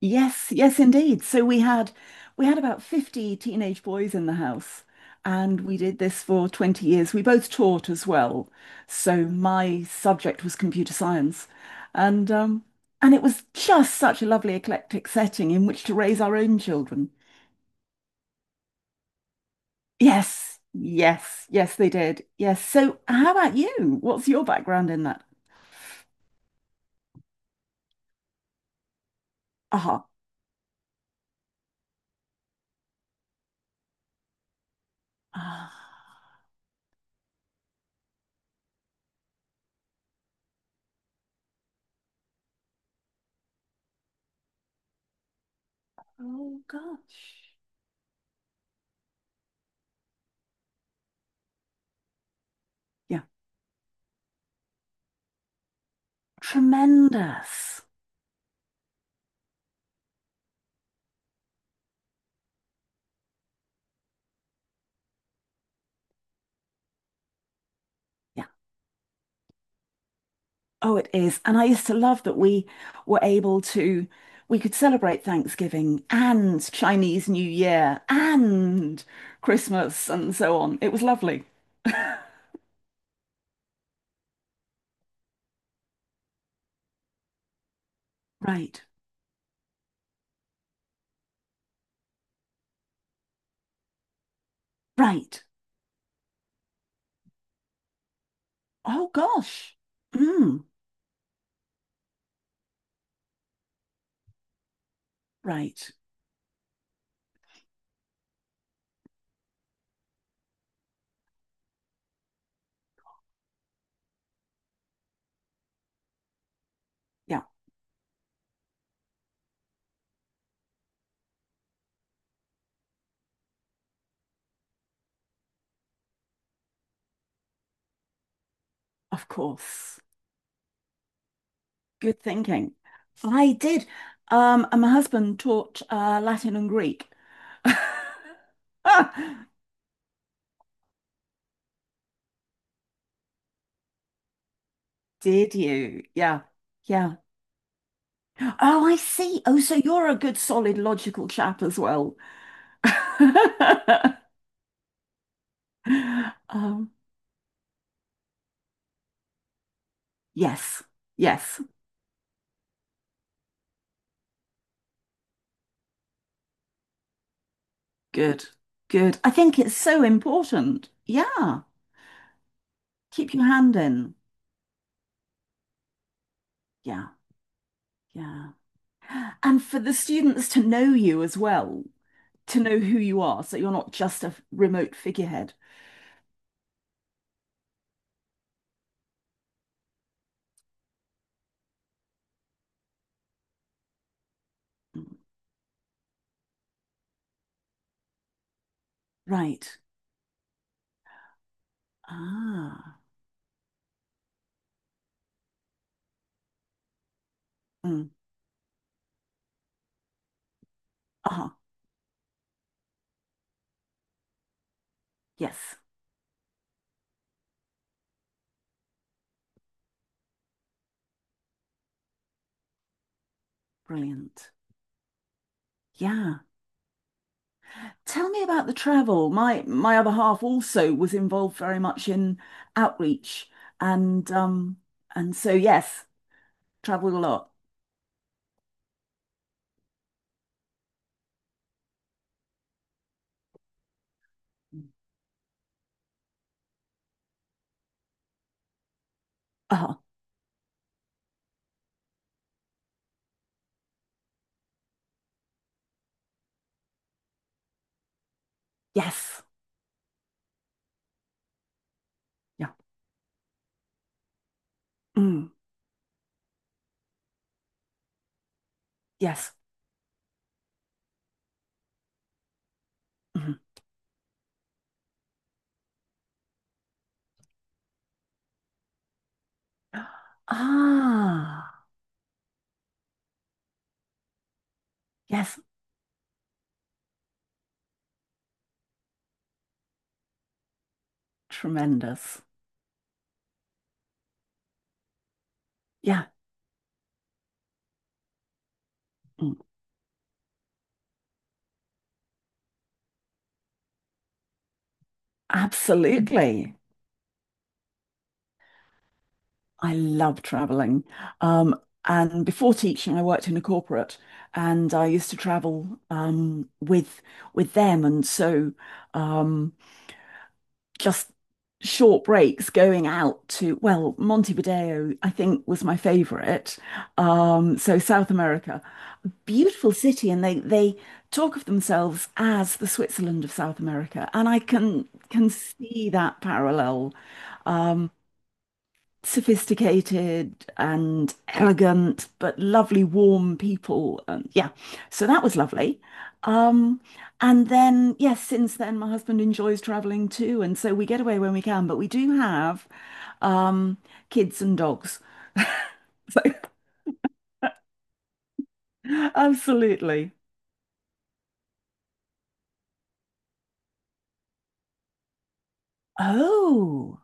Yes, yes, indeed. So we had about 50 teenage boys in the house, and we did this for 20 years. We both taught as well. So my subject was computer science. And um and it was just such a lovely eclectic setting in which to raise our own children. Yes, yes, yes, they did. Yes. So how about you? What's your background in that? Aha. Ah. Oh gosh. Yeah. Tremendous. Yeah. Oh, it is. And I used to love that we were able to, we could celebrate Thanksgiving and Chinese New Year and Christmas and so on. It was lovely. Right, right. Oh, gosh. Mm, right. Yeah, of course. Good thinking. I did. And my husband taught Latin and Greek. Did you? Yeah, yeah. Oh, I see. Oh, so you're a good, solid, logical chap as well. Um, yes, yes, good, good. I think it's so important. Yeah, keep your hand in. Yeah, yeah. And for the students to know you as well, to know who you are, so you're not just a remote figurehead. Mm, right. Ah. Mm. Ah, yes, brilliant. Yeah. Tell me about the travel. My other half also was involved very much in outreach and um and so yes, traveled a lot. Uh, yes. Yeah. Mm, yes. Mhm. Ah, yes. Tremendous. Yeah. Mm, absolutely. I love traveling. Um, and before teaching, I worked in a corporate and I used to travel with them and so um just short breaks going out to, well, Montevideo, I think was my favorite. So South America, beautiful city, and they talk of themselves as the Switzerland of South America, and I can see that parallel. Um, Sophisticated and elegant, but lovely, warm people. Yeah, so that was lovely. Um, and then, yes, since then, my husband enjoys traveling too, and so we get away when we can. But we do have um, kids and dogs. So, absolutely. Oh,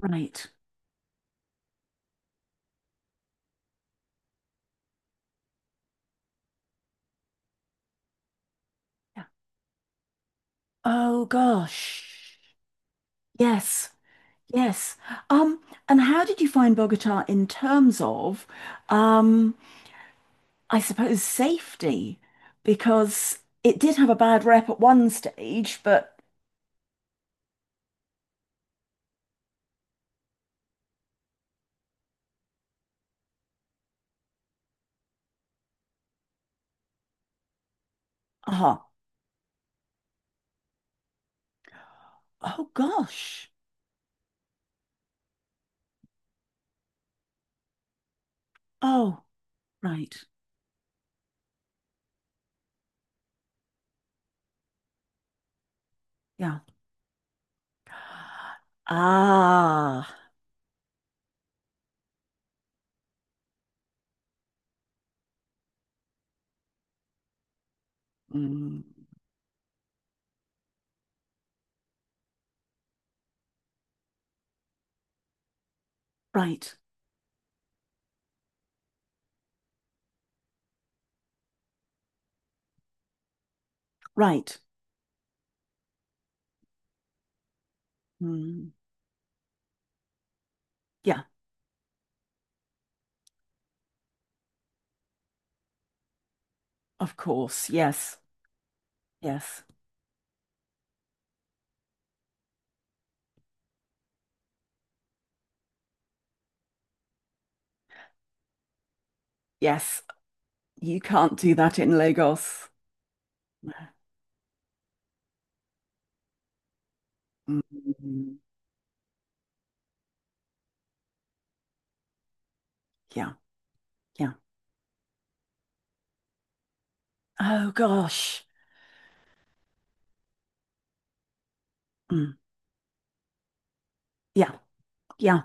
right. Yeah. Oh gosh. Yes. Yes. Um, and how did you find Bogota in terms of um, I suppose safety, because it did have a bad rep at one stage, but ah, oh gosh. Oh, right. Yeah. Ah, mm, right, right. Mm, yeah, of course. Yes, yes, yes. You can't do that in Lagos. No. Mm, yeah, yeah. Oh gosh. Mm, yeah, yeah,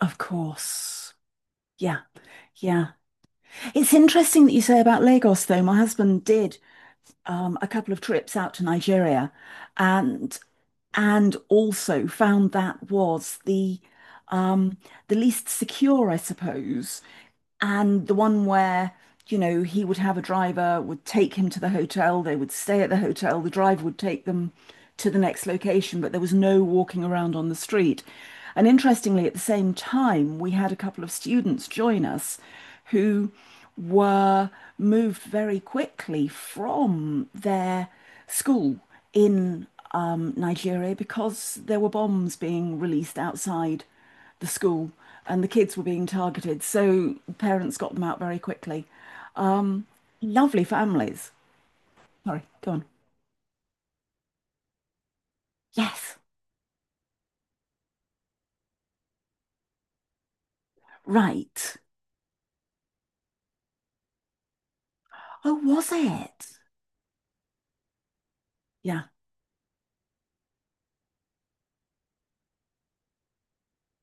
of course. Yeah, yeah. It's interesting that you say about Lagos, though. My husband did a couple of trips out to Nigeria, and and also found that was um, the least secure, I suppose, and the one where, you know, he would have a driver, would take him to the hotel, they would stay at the hotel, the driver would take them to the next location, but there was no walking around on the street. And interestingly, at the same time, we had a couple of students join us who were moved very quickly from their school in Nigeria because there were bombs being released outside the school, and the kids were being targeted. So parents got them out very quickly. Um, lovely families. Sorry, go on. Yes, right. Oh, was it? Yeah.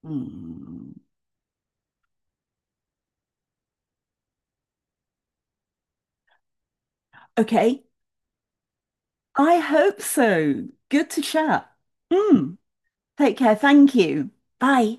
Hmm. Okay. I hope so. Good to chat. Hmm. Take care. Thank you. Bye.